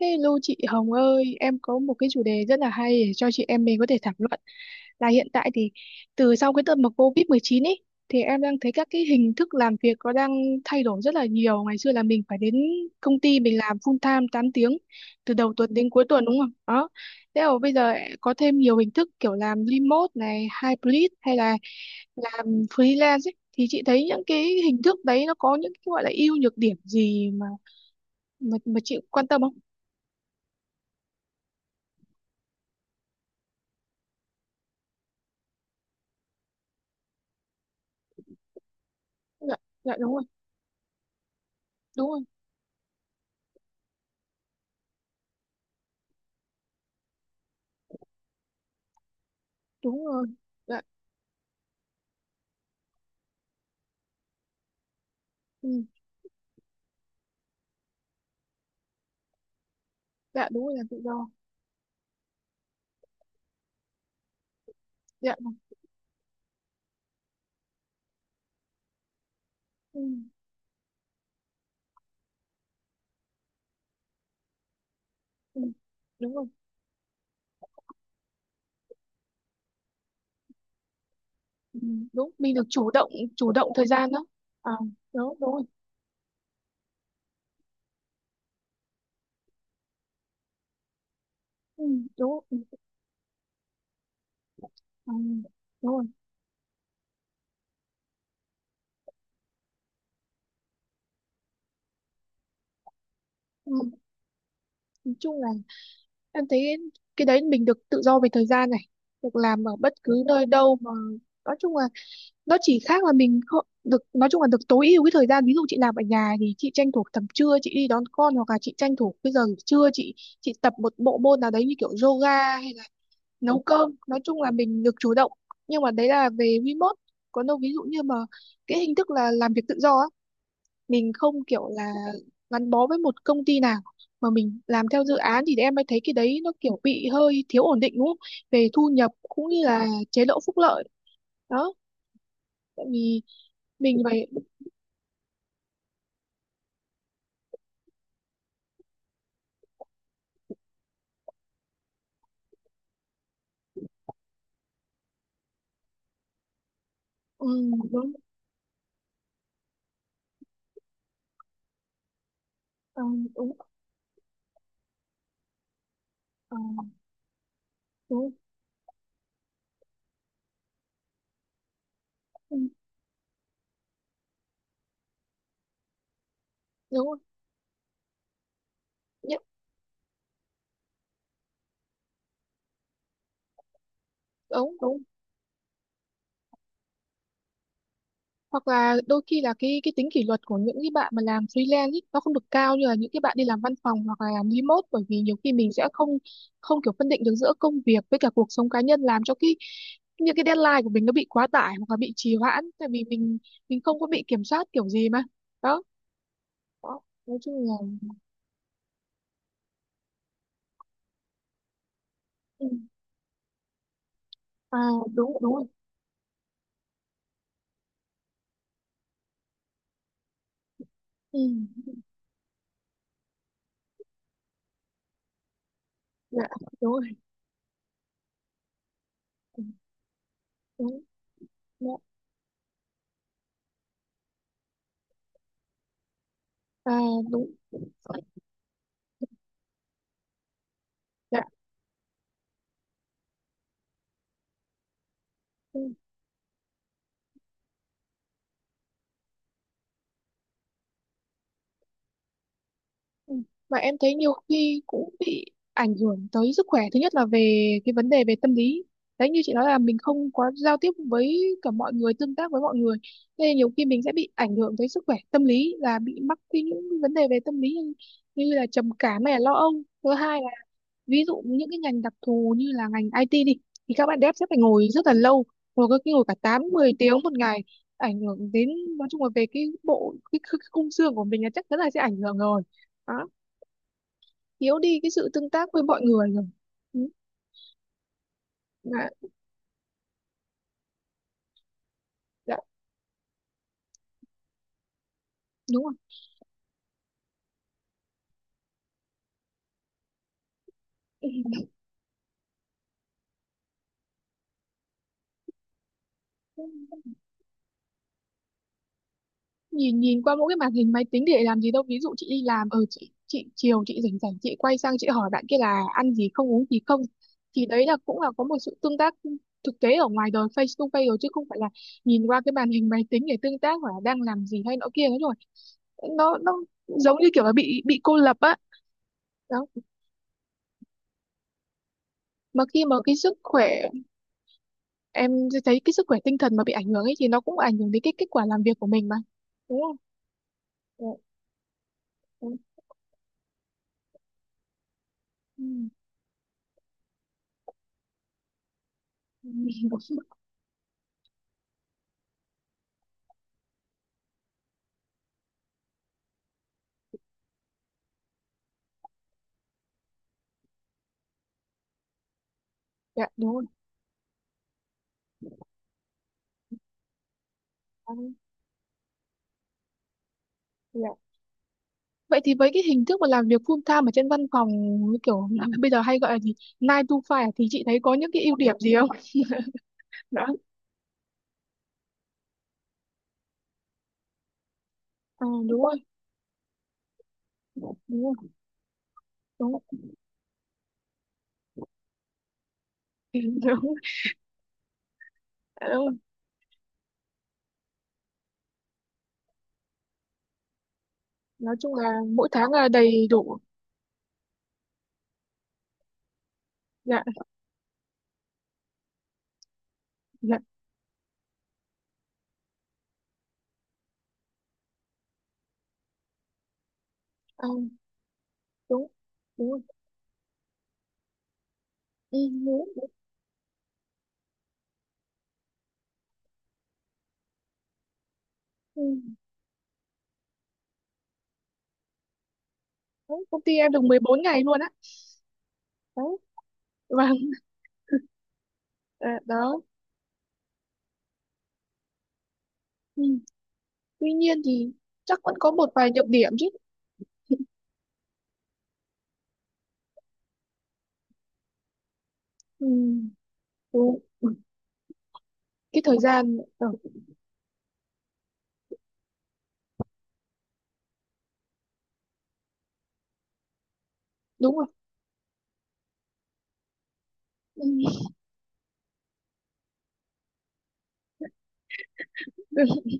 Hello chị Hồng ơi, em có một cái chủ đề rất là hay để cho chị em mình có thể thảo luận. Là hiện tại thì từ sau cái đợt mà COVID-19 ấy thì em đang thấy các cái hình thức làm việc có đang thay đổi rất là nhiều. Ngày xưa là mình phải đến công ty mình làm full time 8 tiếng từ đầu tuần đến cuối tuần đúng không? Đó. Thế mà bây giờ có thêm nhiều hình thức kiểu làm remote này, hybrid hay là làm freelance ấy. Thì chị thấy những cái hình thức đấy nó có những cái gọi là ưu nhược điểm gì mà chị quan tâm không? Dạ, dạ đúng rồi. Đúng rồi, đúng rồi, dạ, ừ. Dạ đúng rồi, làm tự do. Dạ, ừ. Ừ. Đúng rồi. Ừ. Đúng, mình được chủ động, chủ động thời gian đó. À, đúng, đúng rồi. Ừ. Đúng. Ừ. À, đúng rồi. Ừ. Nói chung là em thấy cái đấy mình được tự do về thời gian này, được làm ở bất cứ nơi đâu mà, nói chung là nó chỉ khác là mình không được, nói chung là được tối ưu cái thời gian. Ví dụ chị làm ở nhà thì chị tranh thủ tầm trưa chị đi đón con, hoặc là chị tranh thủ cái giờ trưa chị tập một bộ môn nào đấy như kiểu yoga, nấu cơm, nói chung là mình được chủ động. Nhưng mà đấy là về remote, còn đâu ví dụ như mà cái hình thức là làm việc tự do á, mình không kiểu là gắn bó với một công ty nào mà mình làm theo dự án, thì em mới thấy cái đấy nó kiểu bị hơi thiếu ổn định, đúng không, về thu nhập cũng như là chế độ phúc lợi. Đó, tại vì mình phải. Ừ, đúng. Ừ, đúng. Ừ, đúng. Ừ, đúng. Đúng, đúng, đúng, đúng, đúng. Hoặc là đôi khi là cái tính kỷ luật của những cái bạn mà làm freelance ý, nó không được cao như là những cái bạn đi làm văn phòng hoặc là làm remote, bởi vì nhiều khi mình sẽ không, không kiểu phân định được giữa công việc với cả cuộc sống cá nhân, làm cho cái những cái deadline của mình nó bị quá tải hoặc là bị trì hoãn, tại vì mình không có bị kiểm soát kiểu gì mà. Đó, đó. Nói chung là. Ừ. À, đúng, đúng rồi. Ừ. Dạ đúng rồi. Ừ, đúng. Dạ. À, đúng. Dạ. Ừ. Mà em thấy nhiều khi cũng bị ảnh hưởng tới sức khỏe. Thứ nhất là về cái vấn đề về tâm lý. Đấy như chị nói là mình không có giao tiếp với cả mọi người, tương tác với mọi người. Nên nhiều khi mình sẽ bị ảnh hưởng tới sức khỏe tâm lý, là bị mắc cái những vấn đề về tâm lý như, như là trầm cảm hay là lo âu. Thứ hai là, ví dụ những cái ngành đặc thù như là ngành IT đi, thì các bạn dev sẽ phải ngồi rất là lâu, ngồi có khi ngồi cả 8 10 tiếng 1 ngày, ảnh hưởng đến, nói chung là về cái bộ cái khung xương của mình là chắc chắn là sẽ ảnh hưởng rồi. Đó, thiếu đi cái sự tương tác với mọi người rồi. Ừ. Mà. Dạ đúng rồi. Ừ. nhìn nhìn qua mỗi cái màn hình máy tính để làm gì đâu, ví dụ chị đi làm ở, chị chiều chị rảnh rảnh chị quay sang chị hỏi bạn kia là ăn gì không, uống gì không, thì đấy là cũng là có một sự tương tác thực tế ở ngoài đời, face to face rồi, chứ không phải là nhìn qua cái màn hình máy tính để tương tác hoặc là đang làm gì hay nọ kia nữa rồi. Nó giống như kiểu là bị cô lập á. Đó. Mà khi mà cái sức khỏe, em thấy cái sức khỏe tinh thần mà bị ảnh hưởng ấy thì nó cũng ảnh hưởng đến cái kết quả làm việc của mình mà, đúng không? Dạ, đúng. Ừ. Ừ. Dạ đúng rồi. À, dạ. Vậy thì với cái hình thức mà làm việc full time ở trên văn phòng, như kiểu là bây giờ hay gọi là gì, nine to five à? Thì chị thấy có những cái ưu điểm gì không? Đó. À, đúng rồi. Đúng rồi. Đúng rồi. Ừ, đúng. Dạ, đúng rồi. Nói chung là mỗi tháng là đầy đủ. Dạ. Dạ. À, đúng. Đúng rồi. Ừ, đúng, đúng. Ừ. Đấy, công ty em được 14 ngày luôn á. Đấy. Vâng. Ờ, đó. Ừ. Tuy nhiên thì chắc vẫn có một vài nhược điểm chứ. Ừ. Đúng. Ừ. Cái thời gian, ờ, đúng rồi. Ừ.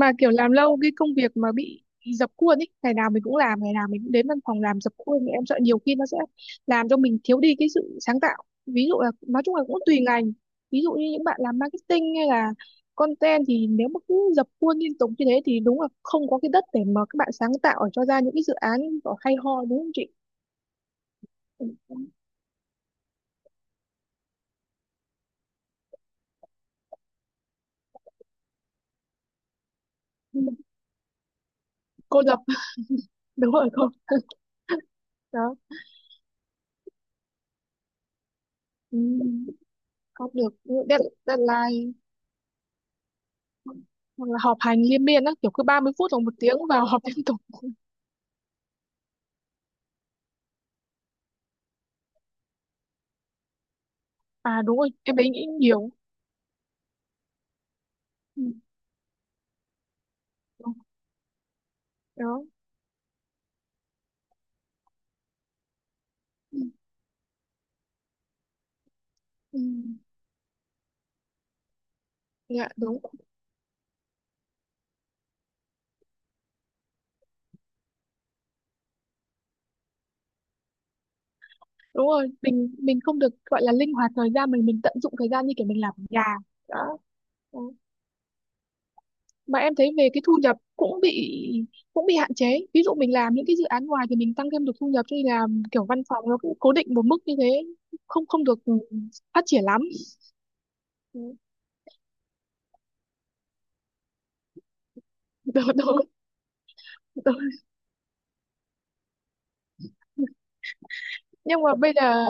Mà kiểu làm lâu cái công việc mà bị dập khuôn ấy, ngày nào mình cũng làm, ngày nào mình cũng đến văn phòng làm dập khuôn, thì em sợ nhiều khi nó sẽ làm cho mình thiếu đi cái sự sáng tạo. Ví dụ là nói chung là cũng tùy ngành. Ví dụ như những bạn làm marketing hay là content thì nếu mà cứ dập khuôn liên tục như thế thì đúng là không có cái đất để mà các bạn sáng tạo ở cho ra những cái dự án có hay ho, đúng không chị? Ừ. Cô dập. Đúng rồi, không. Đó. Ừ, có được. Dead, deadline hoặc là họp hành liên miên á, kiểu cứ 30 phút hoặc 1 tiếng vào họp liên tục. À đúng rồi, em ấy nghĩ nhiều. Ừ. Đúng, đó. Ừ. Ừ. Dạ đúng. Đúng rồi, mình không được gọi là linh hoạt thời gian, mình tận dụng thời gian như kiểu mình làm ở nhà. Đó. Đó, mà em thấy về cái thu nhập cũng bị, cũng bị hạn chế. Ví dụ mình làm những cái dự án ngoài thì mình tăng thêm được thu nhập, cho nên là kiểu văn phòng nó cũng cố định một mức như thế, không không được phát triển lắm. Ừ. Đúng, đúng, đúng. Nhưng mà bây giờ.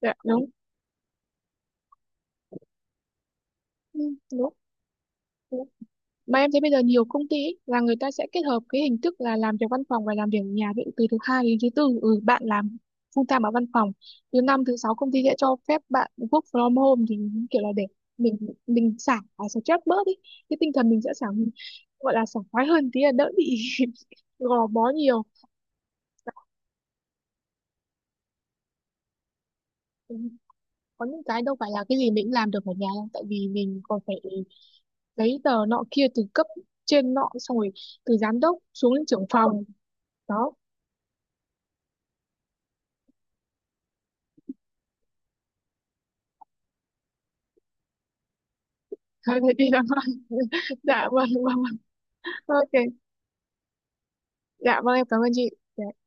Dạ, đúng. Ừ, đúng. Đúng. Mà em thấy bây giờ nhiều công ty ý, là người ta sẽ kết hợp cái hình thức là làm việc văn phòng và làm việc ở nhà. Ví dụ từ thứ hai đến thứ tư, ừ, bạn làm full time ở văn phòng, thứ năm thứ sáu công ty sẽ cho phép bạn work from home, thì kiểu là để mình mình xả stress bớt đi, cái tinh thần mình sẽ xả, gọi là sảng khoái hơn tí, là đỡ bị gò bó nhiều. Dạ. Ừ, có những cái đâu phải là cái gì mình cũng làm được ở nhà đâu, tại vì mình còn phải giấy tờ nọ kia, từ cấp trên nọ xong rồi, từ giám đốc xuống đến trưởng phòng. Đó. Thôi thế thì là dạ vâng vâng vâng. Ok. Dạ vâng, em cảm ơn chị. Dạ.